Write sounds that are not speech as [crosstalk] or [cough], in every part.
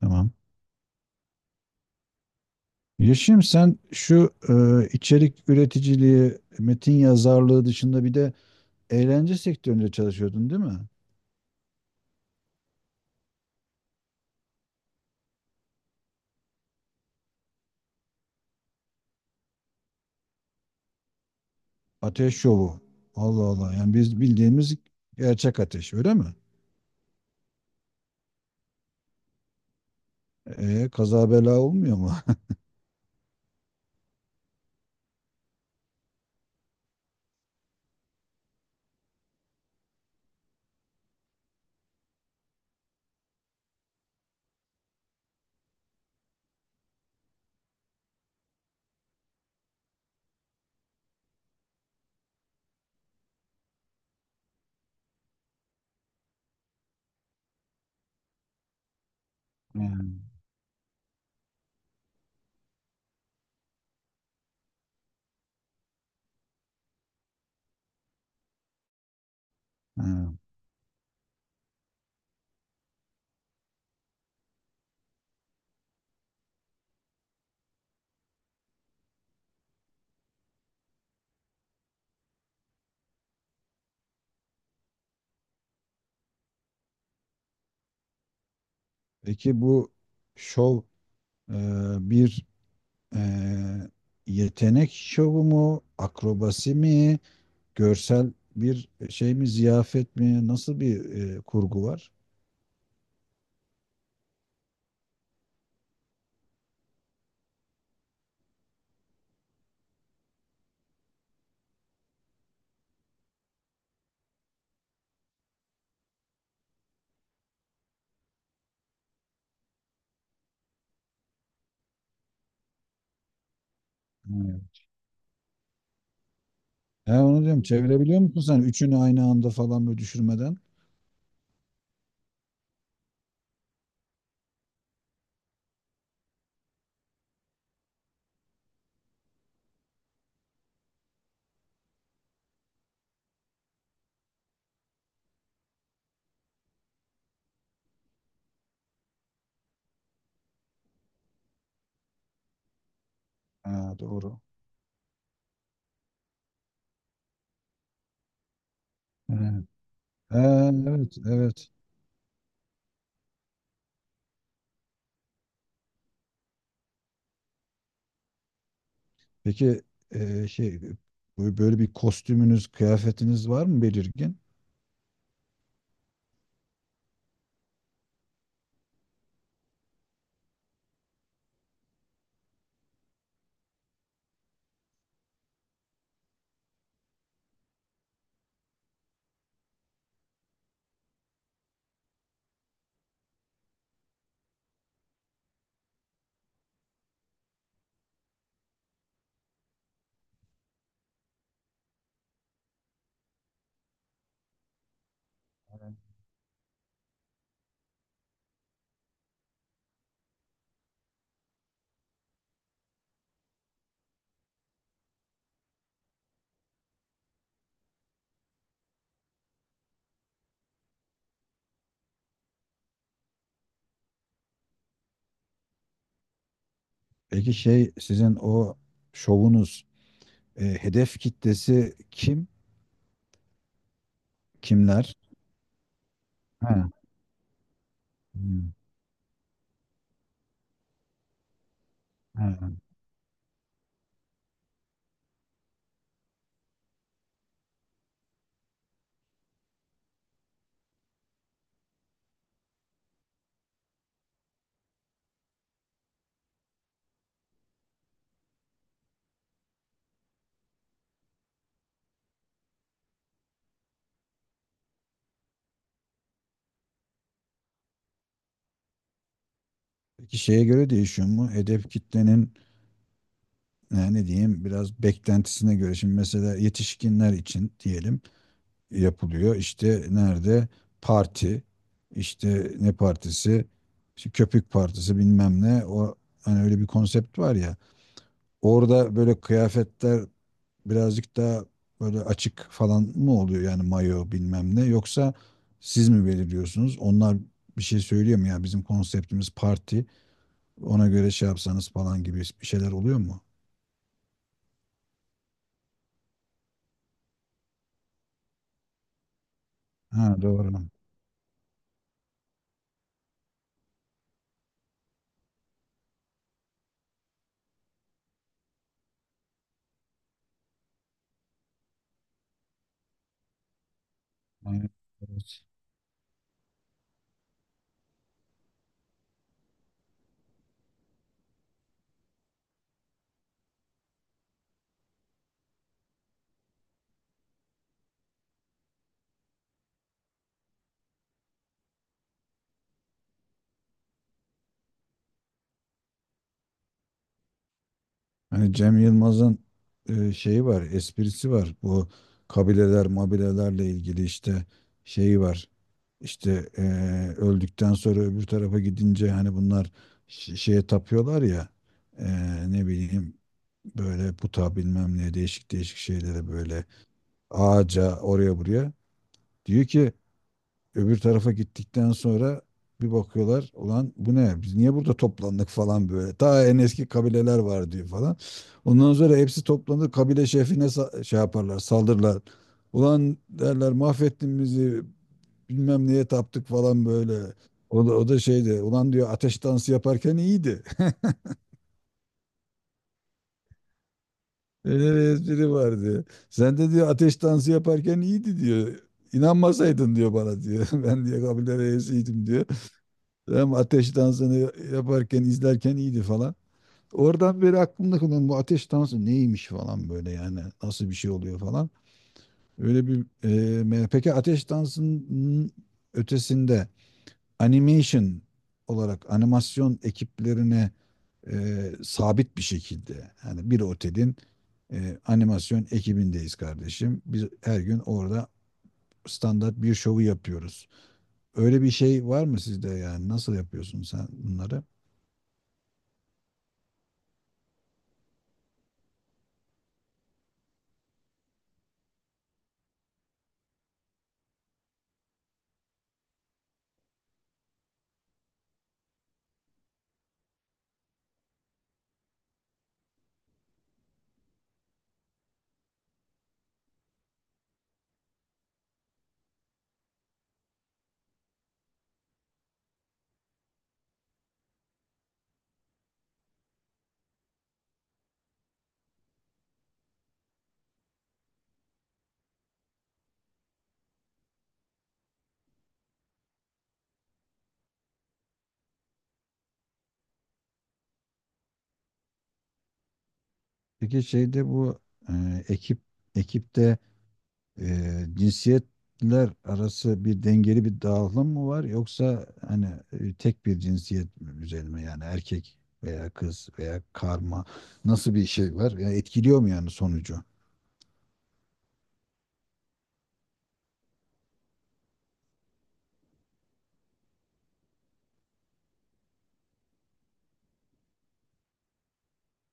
Tamam. Yeşim, sen şu içerik üreticiliği, metin yazarlığı dışında bir de eğlence sektöründe çalışıyordun değil mi? Ateş şovu. Allah Allah. Yani biz bildiğimiz gerçek ateş öyle mi? Kaza bela olmuyor mu? [laughs] Yani, ha. Peki bu şov e, bir e, yetenek şovu mu? Akrobasi mi? Görsel bir şey mi? Ziyafet mi? Nasıl bir kurgu var? He, onu diyorum, çevirebiliyor musun sen üçünü aynı anda falan böyle düşürmeden? Ha, doğru. He. He, evet, evet. Peki şey, böyle bir kostümünüz, kıyafetiniz var mı belirgin? Peki şey, sizin o şovunuz hedef kitlesi kim? Kimler? Ha. Hmm, ha. Peki şeye göre değişiyor mu? Hedef kitlenin, yani ne diyeyim, biraz beklentisine göre. Şimdi mesela yetişkinler için diyelim. Yapılıyor. İşte nerede? Parti. İşte ne partisi? İşte köpük partisi, bilmem ne. O, hani öyle bir konsept var ya. Orada böyle kıyafetler birazcık daha böyle açık falan mı oluyor, yani mayo bilmem ne, yoksa siz mi belirliyorsunuz? Onlar bir şey söylüyor mu, ya bizim konseptimiz parti, ona göre şey yapsanız falan gibi bir şeyler oluyor mu? Ha, doğru. Aynen. Evet. Hani Cem Yılmaz'ın şeyi var, esprisi var. Bu kabileler, mabilelerle ilgili işte şeyi var. İşte öldükten sonra öbür tarafa gidince hani bunlar şeye tapıyorlar ya, e, ne bileyim, böyle puta bilmem ne, değişik değişik şeylere böyle, ağaca, oraya buraya. Diyor ki, öbür tarafa gittikten sonra bir bakıyorlar, ulan bu ne, biz niye burada toplandık falan böyle. Ta en eski kabileler var diyor falan. Ondan sonra hepsi toplanır, kabile şefine şey yaparlar, saldırırlar. Ulan derler, mahvettin bizi, bilmem neye taptık falan böyle. O da şeydi, ulan diyor, ateş dansı yaparken iyiydi. [laughs] Öyle bir espri vardı. Sen de diyor, ateş dansı yaparken iyiydi diyor. İnanmasaydın diyor bana diyor. [laughs] Ben diye kabile reisiydim diyor. Hem ateş dansını yaparken, izlerken iyiydi falan. Oradan beri aklımda kalan bu, ateş dansı neymiş falan böyle, yani nasıl bir şey oluyor falan. Öyle bir peki ateş dansının ötesinde animation olarak animasyon ekiplerine sabit bir şekilde, yani bir otelin animasyon ekibindeyiz kardeşim. Biz her gün orada standart bir şovu yapıyoruz. Öyle bir şey var mı sizde, yani nasıl yapıyorsun sen bunları? Peki şeyde, bu e, ekip ekipte cinsiyetler arası bir dengeli bir dağılım mı var, yoksa hani tek bir cinsiyet üzerine, yani erkek veya kız veya karma, nasıl bir şey var? Yani etkiliyor mu yani sonucu?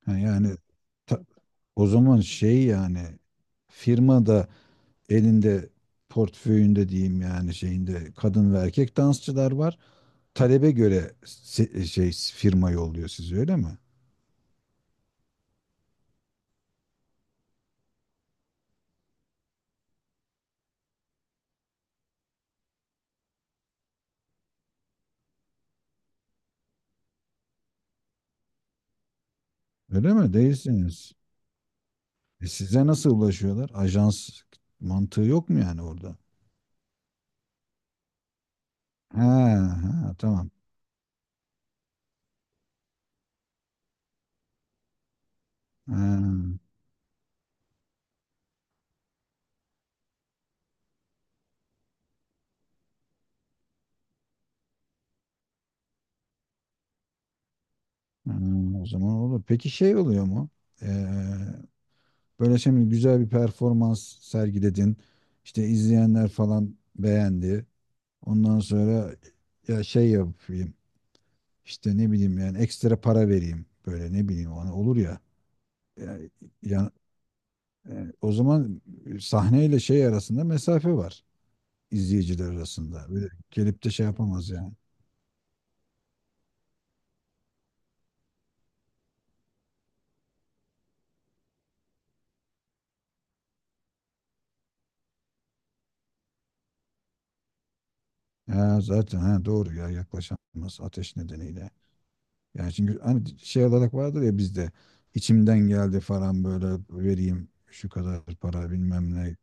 Ha, yani ta- o zaman şey, yani firmada, elinde, portföyünde diyeyim, yani şeyinde kadın ve erkek dansçılar var. Talebe göre şey, firma yolluyor sizi öyle mi? Öyle mi? Değilsiniz. E size nasıl ulaşıyorlar? Ajans mantığı yok mu yani orada? Ha, ha tamam. Ha. Hmm, o zaman olur. Peki şey oluyor mu? Ee, Böyle şimdi güzel bir performans sergiledin. İşte izleyenler falan beğendi. Ondan sonra ya şey yapayım. İşte ne bileyim, yani ekstra para vereyim. Böyle, ne bileyim, ona olur ya. Ya, ya- o zaman sahneyle şey arasında mesafe var. İzleyiciler arasında. Böyle gelip de şey yapamaz yani. Ya zaten, ha, doğru ya, yaklaşamaz ateş nedeniyle. Yani çünkü hani şey olarak vardır ya bizde, içimden geldi falan böyle, vereyim şu kadar para bilmem ne.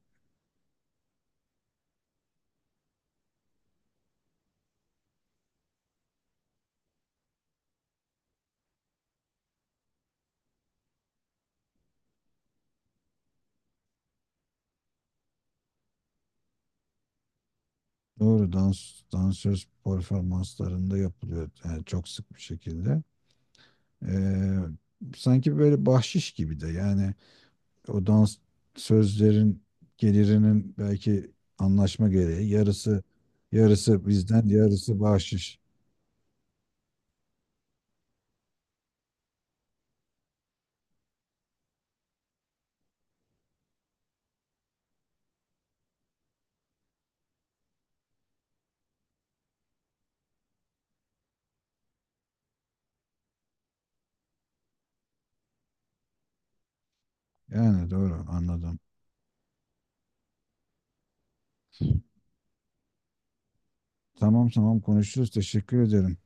Doğru, dans, dansöz performanslarında yapılıyor yani çok sık bir şekilde. Ee, Sanki böyle bahşiş gibi de yani, o dans sözlerin gelirinin belki anlaşma gereği yarısı, yarısı bizden yarısı bahşiş. Yani doğru anladım. Tamam, tamam, konuşuruz, teşekkür ederim.